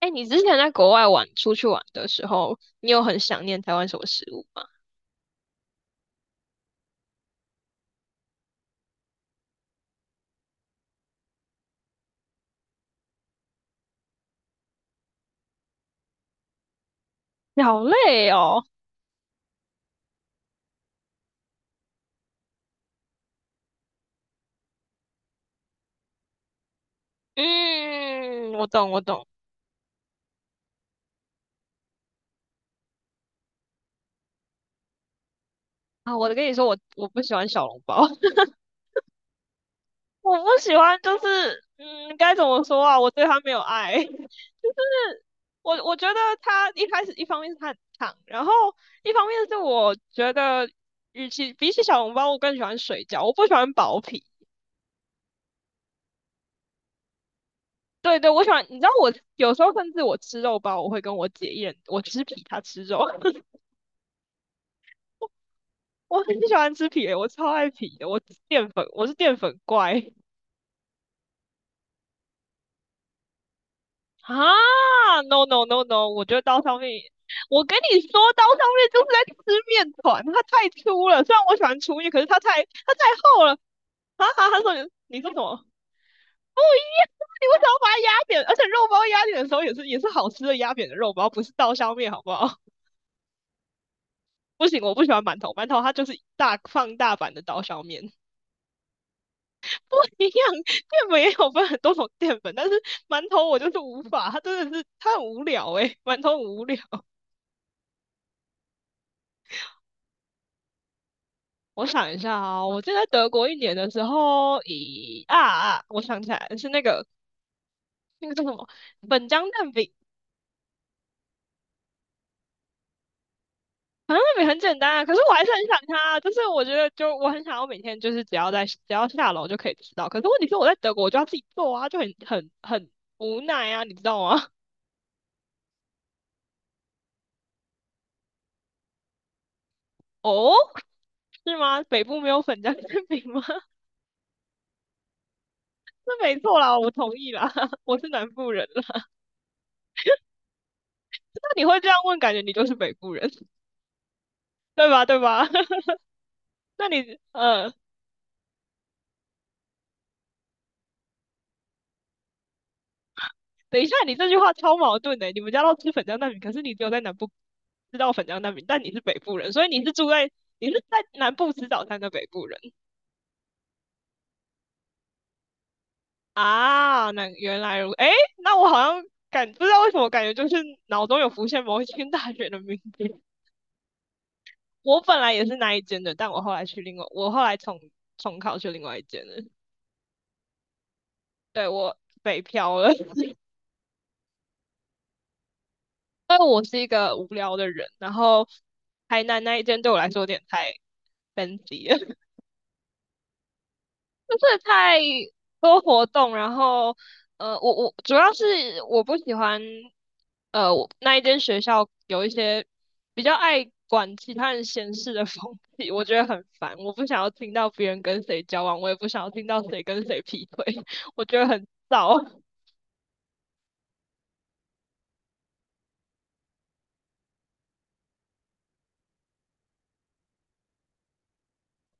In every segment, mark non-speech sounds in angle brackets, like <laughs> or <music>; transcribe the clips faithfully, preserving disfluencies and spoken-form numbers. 哎，你之前在国外玩，出去玩的时候，你有很想念台湾什么食物吗？你好累哦。嗯，我懂，我懂。啊，我跟你说，我我不喜欢小笼包。<laughs> 我不喜欢，就是嗯，该怎么说啊？我对它没有爱。<laughs> 我我觉得他一开始一方面是他很烫，然后一方面是我觉得，与其比起小笼包，我更喜欢水饺，我不喜欢薄皮。对对，我喜欢。你知道我有时候甚至我吃肉包，我会跟我姐一人，我吃皮，她吃肉。<laughs> 我很喜欢吃皮的，我超爱皮的。我是淀粉，我是淀粉怪。 <laughs> 啊！No no no no,我觉得刀削面，我跟你说，刀削面就是在吃面团，它太粗了。虽然我喜欢粗面，可是它太它太厚了。哈哈，他说你你说什么？不，你为什么要把它压扁？而且肉包压扁的时候也是也是好吃的，压扁的肉包，不是刀削面，好不好？<laughs> 不行，我不喜欢馒头，馒头它就是大放大版的刀削面。<laughs> 不一样。淀粉也有分很多种淀粉，但是馒头我就是无法。它真的是它很无聊诶、欸馒头很无聊。<laughs> 我想一下啊、哦，我记得在德国一年的时候，咦啊啊，我想起来是那个那个叫什么粉浆蛋饼，好像也很简单啊，可是我还是很想它啊。就是我觉得，就我很想要每天就是只要在只要下楼就可以吃到，可是问题是我在德国我就要自己做啊，就很很很无奈啊，你知道吗？<laughs> 哦，是吗？北部没有粉浆馅饼吗？<laughs> 那没错啦，我同意啦。<laughs> 我是南部人了。<laughs> 那你会这样问，感觉你就是北部人。<laughs> 对吧？对吧？<laughs> 那你呃，等一下，你这句话超矛盾的欸。你们家都吃粉浆蛋饼，可是你只有在南部知道粉浆蛋饼，但你是北部人，所以你是住在你是在南部吃早餐的北部人啊。那原来如，哎，那我好像感不知道为什么感觉就是脑中有浮现某一间大学的名字。我本来也是那一间的，但我后来去另外，我后来重重考去另外一间的。对，我北漂了。<laughs> 因为我是一个无聊的人。然后台南那一间对我来说有点太 fancy 了。就是太多活动，然后呃，我我主要是我不喜欢呃我那一间学校有一些比较爱管其他人闲事的风气，我觉得很烦。我不想要听到别人跟谁交往，我也不想要听到谁跟谁劈腿。<laughs> 我觉得很燥。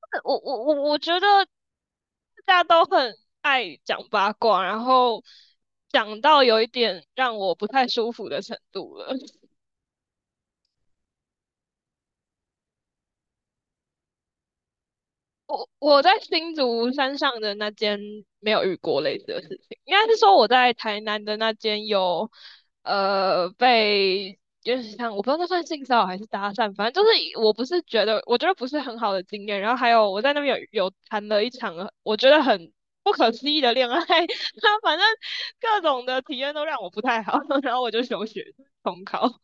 <laughs> 我我我我觉得大家都很爱讲八卦，然后讲到有一点让我不太舒服的程度了。我我在新竹山上的那间没有遇过类似的事情。应该是说我在台南的那间有，呃，被就是像我不知道那算性骚扰还是搭讪，反正就是我不是觉得我觉得不是很好的经验。然后还有我在那边有有谈了一场我觉得很不可思议的恋爱。<laughs> 他反正各种的体验都让我不太好。<laughs> 然后我就休学重考。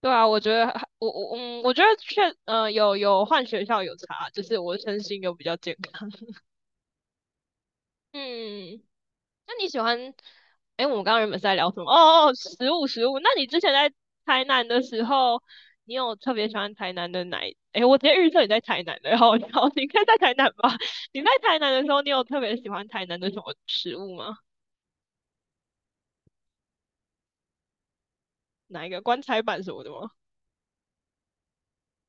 对啊，我觉得还我我嗯，我觉得确呃有有换学校有差，就是我身心有比较健康。<laughs> 嗯，那你喜欢？哎，我们刚刚原本是在聊什么？哦哦，食物食物。那你之前在台南的时候，你有特别喜欢台南的哪一？哎，我直接预测你在台南的，好，好，你应该在台南吧？<laughs> 你在台南的时候，你有特别喜欢台南的什么食物吗？哪一个棺材板什么的吗？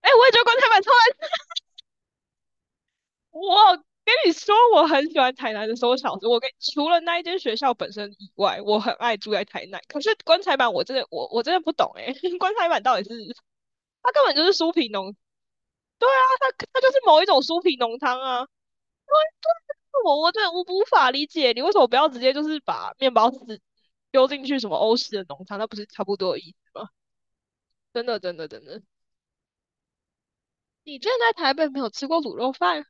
哎，我也觉得棺材板超我跟你说，我很喜欢台南的收小子。我跟除了那一间学校本身以外，我很爱住在台南。可是棺材板，我真的我我真的不懂诶、欸。 <laughs> 棺材板到底是它根本就是酥皮浓，对啊，它它就是某一种酥皮浓汤啊。对对，我我真的无无法理解，你为什么不要直接就是把面包纸丢进去什么欧式的浓汤？那不是差不多的意思吗？真的真的真的，你之前在台北没有吃过卤肉饭？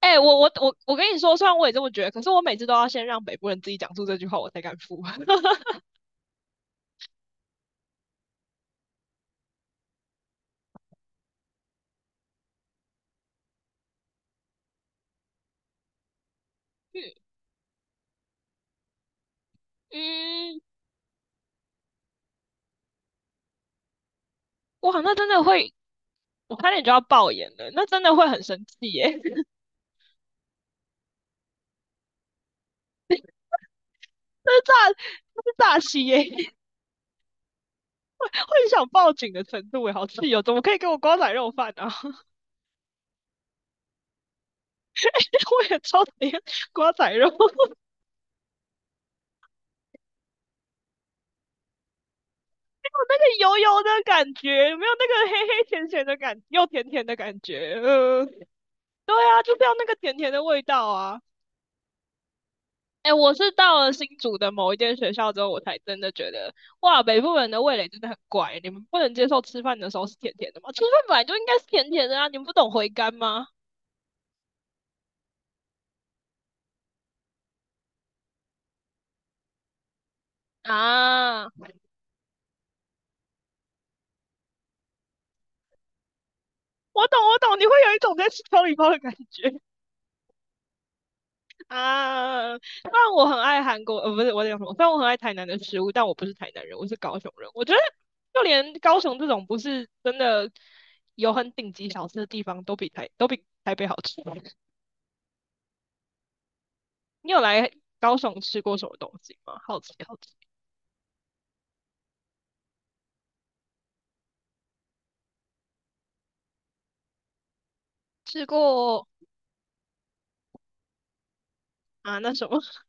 哎、欸我我我我跟你说，虽然我也这么觉得，可是我每次都要先让北部人自己讲出这句话，我才敢付。<laughs> 嗯，哇，那真的会，我差点就要爆眼了。那真的会很生气耶。<laughs> 那是诈，那是诈欺耶。<laughs> 会想报警的程度耶，好气哦！怎么可以给我瓜仔肉饭啊？<laughs> 我也超讨厌瓜仔肉。<laughs> 我那个油油的感觉，有没有那个黑黑甜甜的感，又甜甜的感觉？呃，对啊，就是要那个甜甜的味道啊。哎，我是到了新竹的某一间学校之后，我才真的觉得，哇，北部人的味蕾真的很怪。你们不能接受吃饭的时候是甜甜的吗？吃饭本来就应该是甜甜的啊，你们不懂回甘吗？啊，我懂，我懂。你会有一种在吃调理包的感觉啊。虽然我很爱韩国，呃，不是，我讲什么，虽然我很爱台南的食物，但我不是台南人，我是高雄人。我觉得就连高雄这种不是真的有很顶级小吃的地方，都比台都比台北好吃。你有来高雄吃过什么东西吗？好奇好奇。吃过啊那什么？<laughs>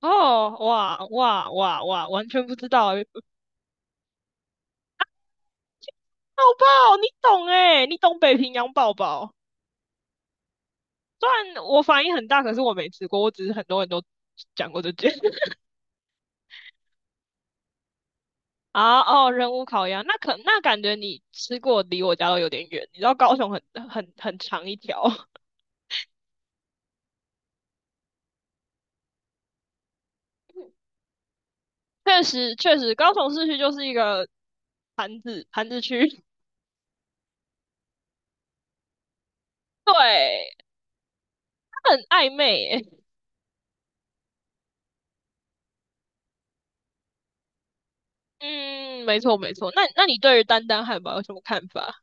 哦，哇哇哇哇，完全不知道欸。<laughs> 宝，不好，你懂哎、你懂北平洋宝宝。虽然我反应很大，可是我没吃过，我只是很多人都讲过这件。 <laughs> 啊哦，人无烤鸭，那可那感觉你吃过离我家都有点远。你知道高雄很很很长一条。<laughs> 确实确实，高雄市区就是一个盘子盘子区。<laughs> 对，它很暧昧、欸。嗯，没错没错。那那你对于丹丹汉堡有什么看法？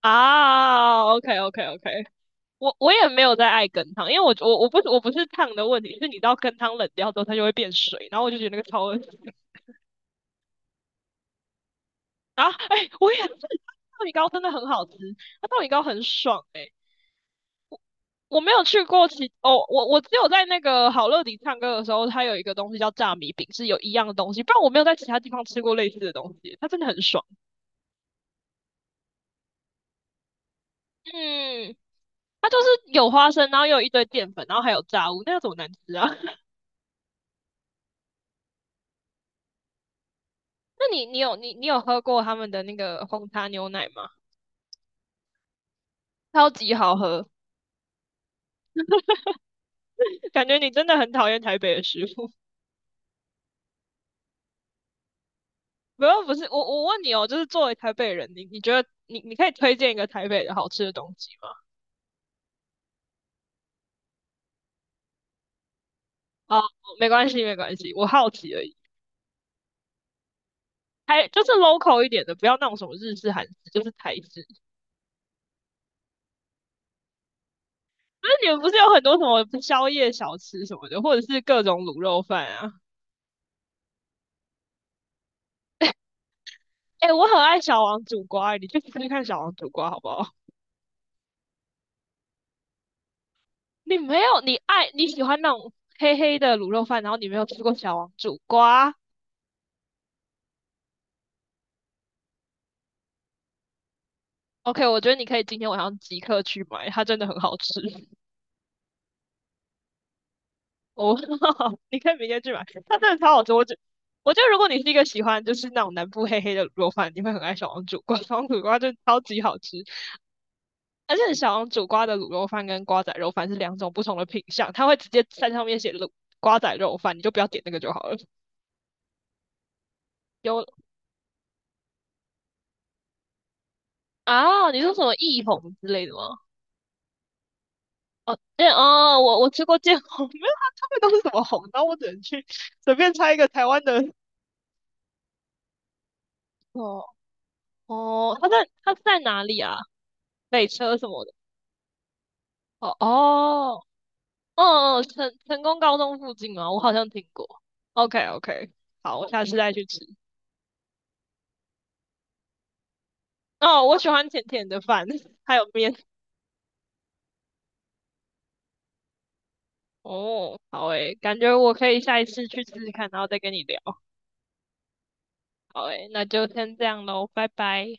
啊，OK OK OK,我我也没有在爱羹汤，因为我我我不我不是烫的问题，是你知道羹汤冷掉之后它就会变水，然后我就觉得那个超恶心。然后哎、我也是，豆米糕真的很好吃，它豆米糕很爽哎、我没有去过其哦，我我只有在那个好乐迪唱歌的时候，它有一个东西叫炸米饼，是有一样的东西，不然我没有在其他地方吃过类似的东西，它真的很爽。嗯，它就是有花生，然后又有一堆淀粉，然后还有炸物，那要怎么难吃啊？<laughs> 那你你有你你有喝过他们的那个红茶牛奶吗？超级好喝。感觉你真的很讨厌台北的食物。<laughs> 不要，不是，我我问你哦，就是作为台北人，你你觉得你你可以推荐一个台北的好吃的东西吗？哦，没关系没关系，我好奇而已。还就是 local 一点的，不要那种什么日式、韩式，就是台式。那你们不是有很多什么宵夜小吃什么的，或者是各种卤肉饭啊？哎、我很爱小王煮瓜，你去试试看小王煮瓜好不好？<laughs> 你没有，你爱你喜欢那种黑黑的卤肉饭，然后你没有吃过小王煮瓜。OK,我觉得你可以今天晚上即刻去买，它真的很好吃。哦。<laughs> 你可以明天去买，它真的超好吃。我觉我觉得如果你是一个喜欢就是那种南部黑黑的卤肉饭，你会很爱小王煮瓜。小王煮瓜真的超级好吃。而且小王煮瓜的卤肉饭跟瓜仔肉饭是两种不同的品相，它会直接在上面写卤瓜仔肉饭，你就不要点那个就好了。有啊，你说什么艺红之类的吗？哦，见哦，我我吃过见红。<laughs> 没有，它他们都是什么红，然后我只能去随便猜一个台湾的。哦哦，它在他在哪里啊？北车什么的？哦哦哦，嗯成成功高中附近吗？我好像听过。OK OK,好，我下次再去吃。哦，我喜欢甜甜的饭，<laughs> 还有面。哦，好诶，感觉我可以下一次去试试看，然后再跟你聊。好诶，那就先这样喽，拜拜。